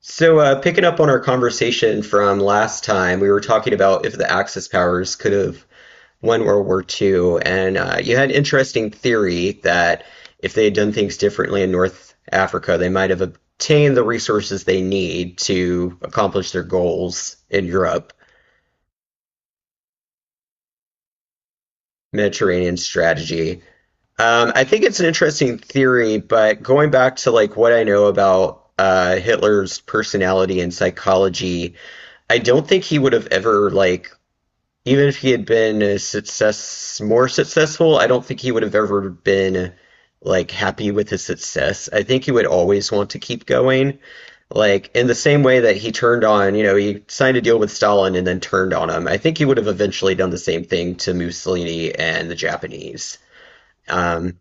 So, picking up on our conversation from last time, we were talking about if the Axis powers could have won World War II, and you had an interesting theory that if they had done things differently in North Africa, they might have obtained the resources they need to accomplish their goals in Europe. Mediterranean strategy. I think it's an interesting theory, but going back to like what I know about Hitler's personality and psychology, I don't think he would have ever like. Even if he had been a success, more successful, I don't think he would have ever been like happy with his success. I think he would always want to keep going. Like in the same way that he turned on, you know, he signed a deal with Stalin and then turned on him. I think he would have eventually done the same thing to Mussolini and the Japanese. Um,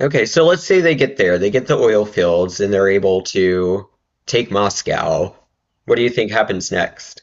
okay, so let's say they get there, they get the oil fields, and they're able to take Moscow. What do you think happens next?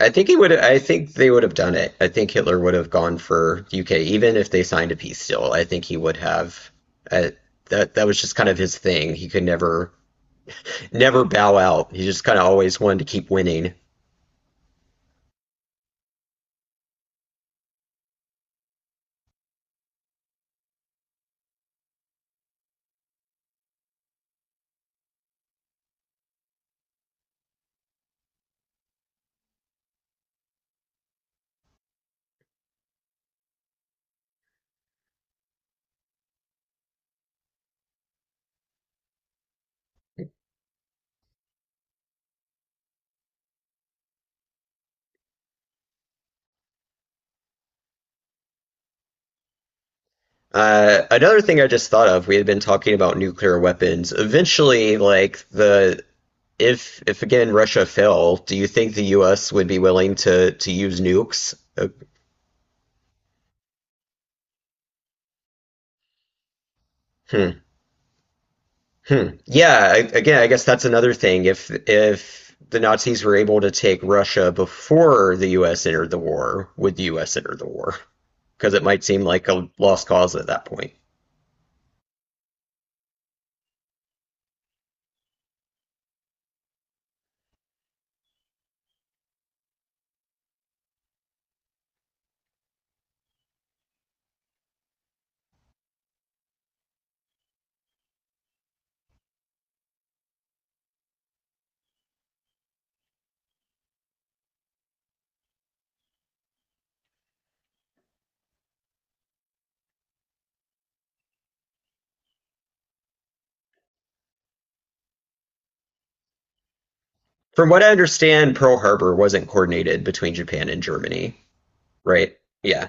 I think he would. I think they would have done it. I think Hitler would have gone for UK, even if they signed a peace deal. I think he would have. Uh, that was just kind of his thing. He could never never bow out. He just kind of always wanted to keep winning. Another thing I just thought of. We had been talking about nuclear weapons. Eventually, like the if again Russia fell, do you think the U.S. would be willing to use nukes? Hmm. Hmm. Yeah, I, again, I guess that's another thing. If the Nazis were able to take Russia before the U.S. entered the war, would the U.S. enter the war? Because it might seem like a lost cause at that point. From what I understand, Pearl Harbor wasn't coordinated between Japan and Germany, right? Yeah.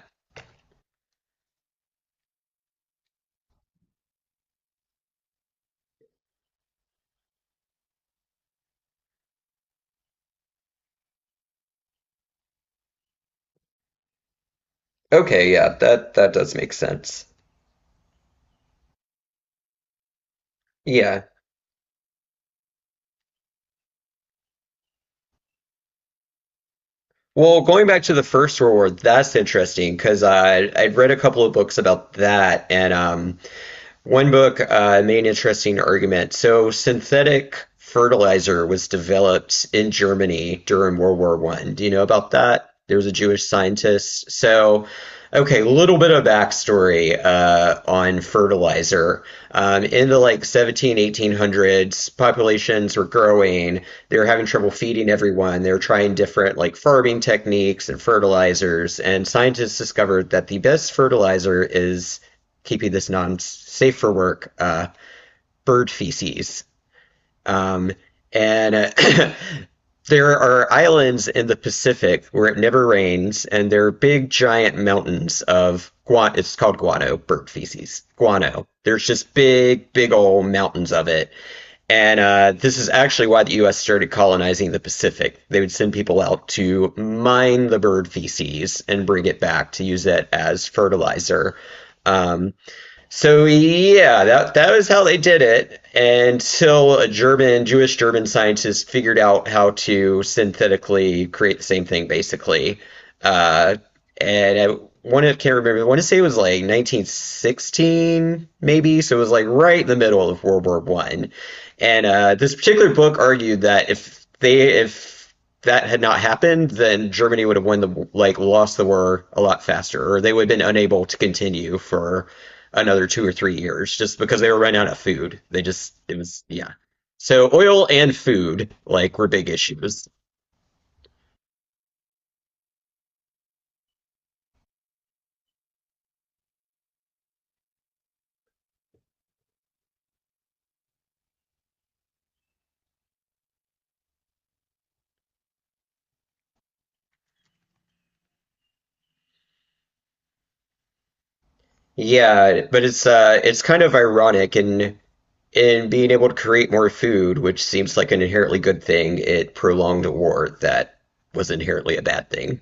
Okay, yeah, that that does make sense. Yeah. Well, going back to the First World War, that's interesting because I I'd read a couple of books about that, and one book made an interesting argument. So synthetic fertilizer was developed in Germany during World War One. Do you know about that? There was a Jewish scientist. So, okay, a little bit of backstory on fertilizer. In the like 17, 18 hundreds, populations were growing. They were having trouble feeding everyone. They were trying different like farming techniques and fertilizers. And scientists discovered that the best fertilizer is keeping this non safe for work bird feces. Um, and there are islands in the Pacific where it never rains, and there are big, giant mountains of guano. It's called guano, bird feces. Guano. There's just big, big old mountains of it. And this is actually why the U.S. started colonizing the Pacific. They would send people out to mine the bird feces and bring it back to use it as fertilizer. Um, so yeah, that that was how they did it until a German Jewish German scientist figured out how to synthetically create the same thing basically. Uh, and I want to can't remember. I want to say it was like 1916 maybe. So it was like right in the middle of World War One. And this particular book argued that if that had not happened, then Germany would have won the like lost the war a lot faster, or they would have been unable to continue for another 2 or 3 years just because they were running out of food. They just it was yeah. So oil and food like were big issues. Yeah, but it's uh, it's kind of ironic in being able to create more food, which seems like an inherently good thing, it prolonged a war that was inherently a bad thing.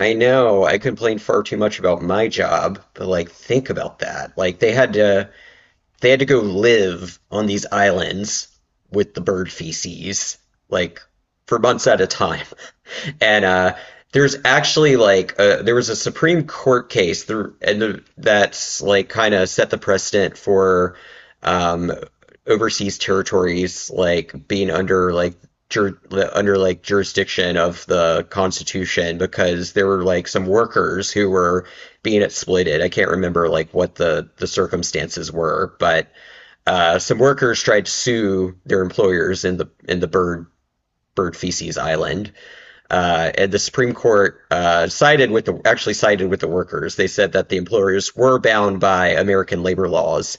I know I complain far too much about my job, but like think about that. Like they had to go live on these islands with the bird feces, like for months at a time. And there's actually like a, there was a Supreme Court case there, and that's like kind of set the precedent for um, overseas territories like being under like jur- under like jurisdiction of the Constitution because there were like some workers who were being exploited. I can't remember like what the circumstances were, but some workers tried to sue their employers in the bird feces island. And the Supreme Court sided with the actually sided with the workers. They said that the employers were bound by American labor laws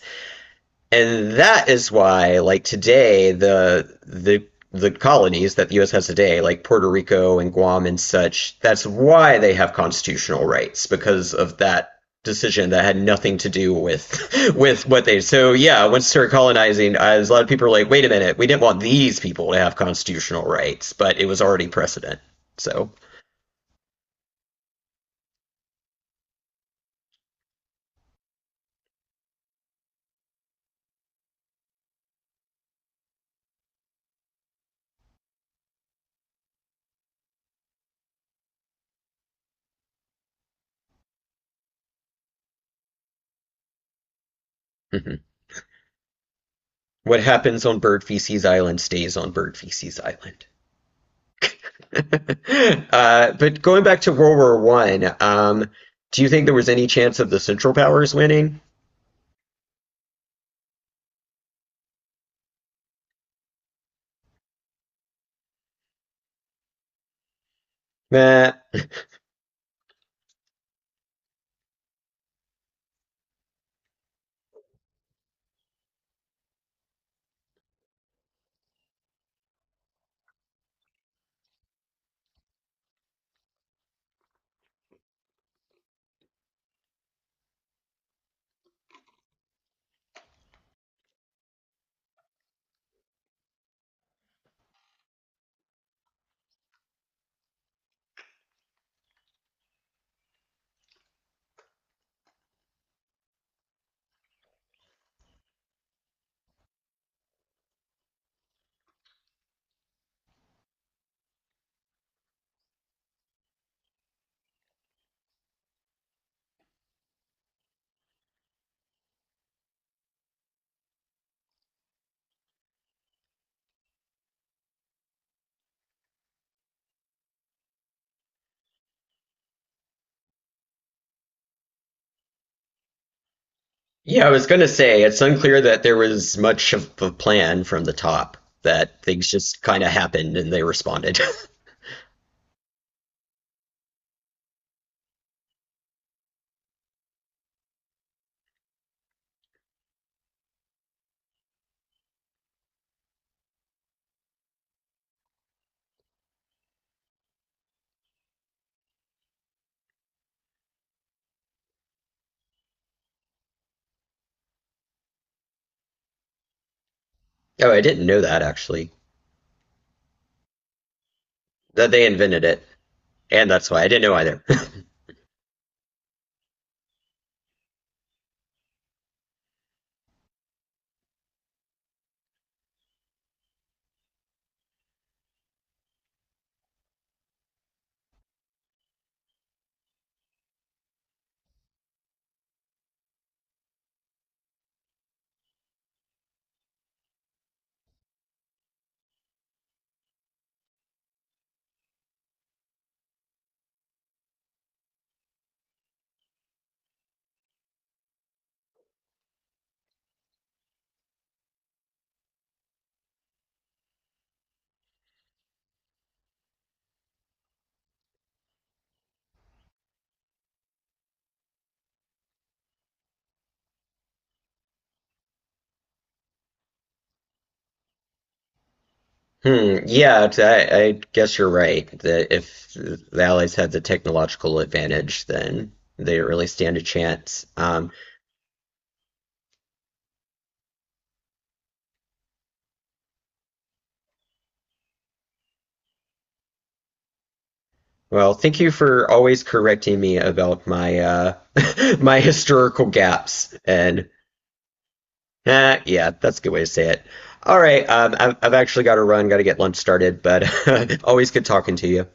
and that is why, like today, the colonies that the U.S. has today, like Puerto Rico and Guam and such, that's why they have constitutional rights because of that decision that had nothing to do with with what they. So yeah, once started colonizing, I, a lot of people are like, wait a minute, we didn't want these people to have constitutional rights, but it was already precedent. So mhm. What happens on Bird Feces Island stays on Bird Feces Island. But going back to World War One, do you think there was any chance of the Central Powers winning? Uh, yeah, I was gonna say it's unclear that there was much of a plan from the top. That things just kind of happened and they responded. Oh, I didn't know that actually. That they invented it, and that's why I didn't know either. Hmm, yeah, I. I guess you're right. That if the Allies had the technological advantage, then they didn't really stand a chance. Well, thank you for always correcting me about my uh, my historical gaps. And eh, yeah, that's a good way to say it. All right, I've actually got to run, got to get lunch started, but always good talking to you.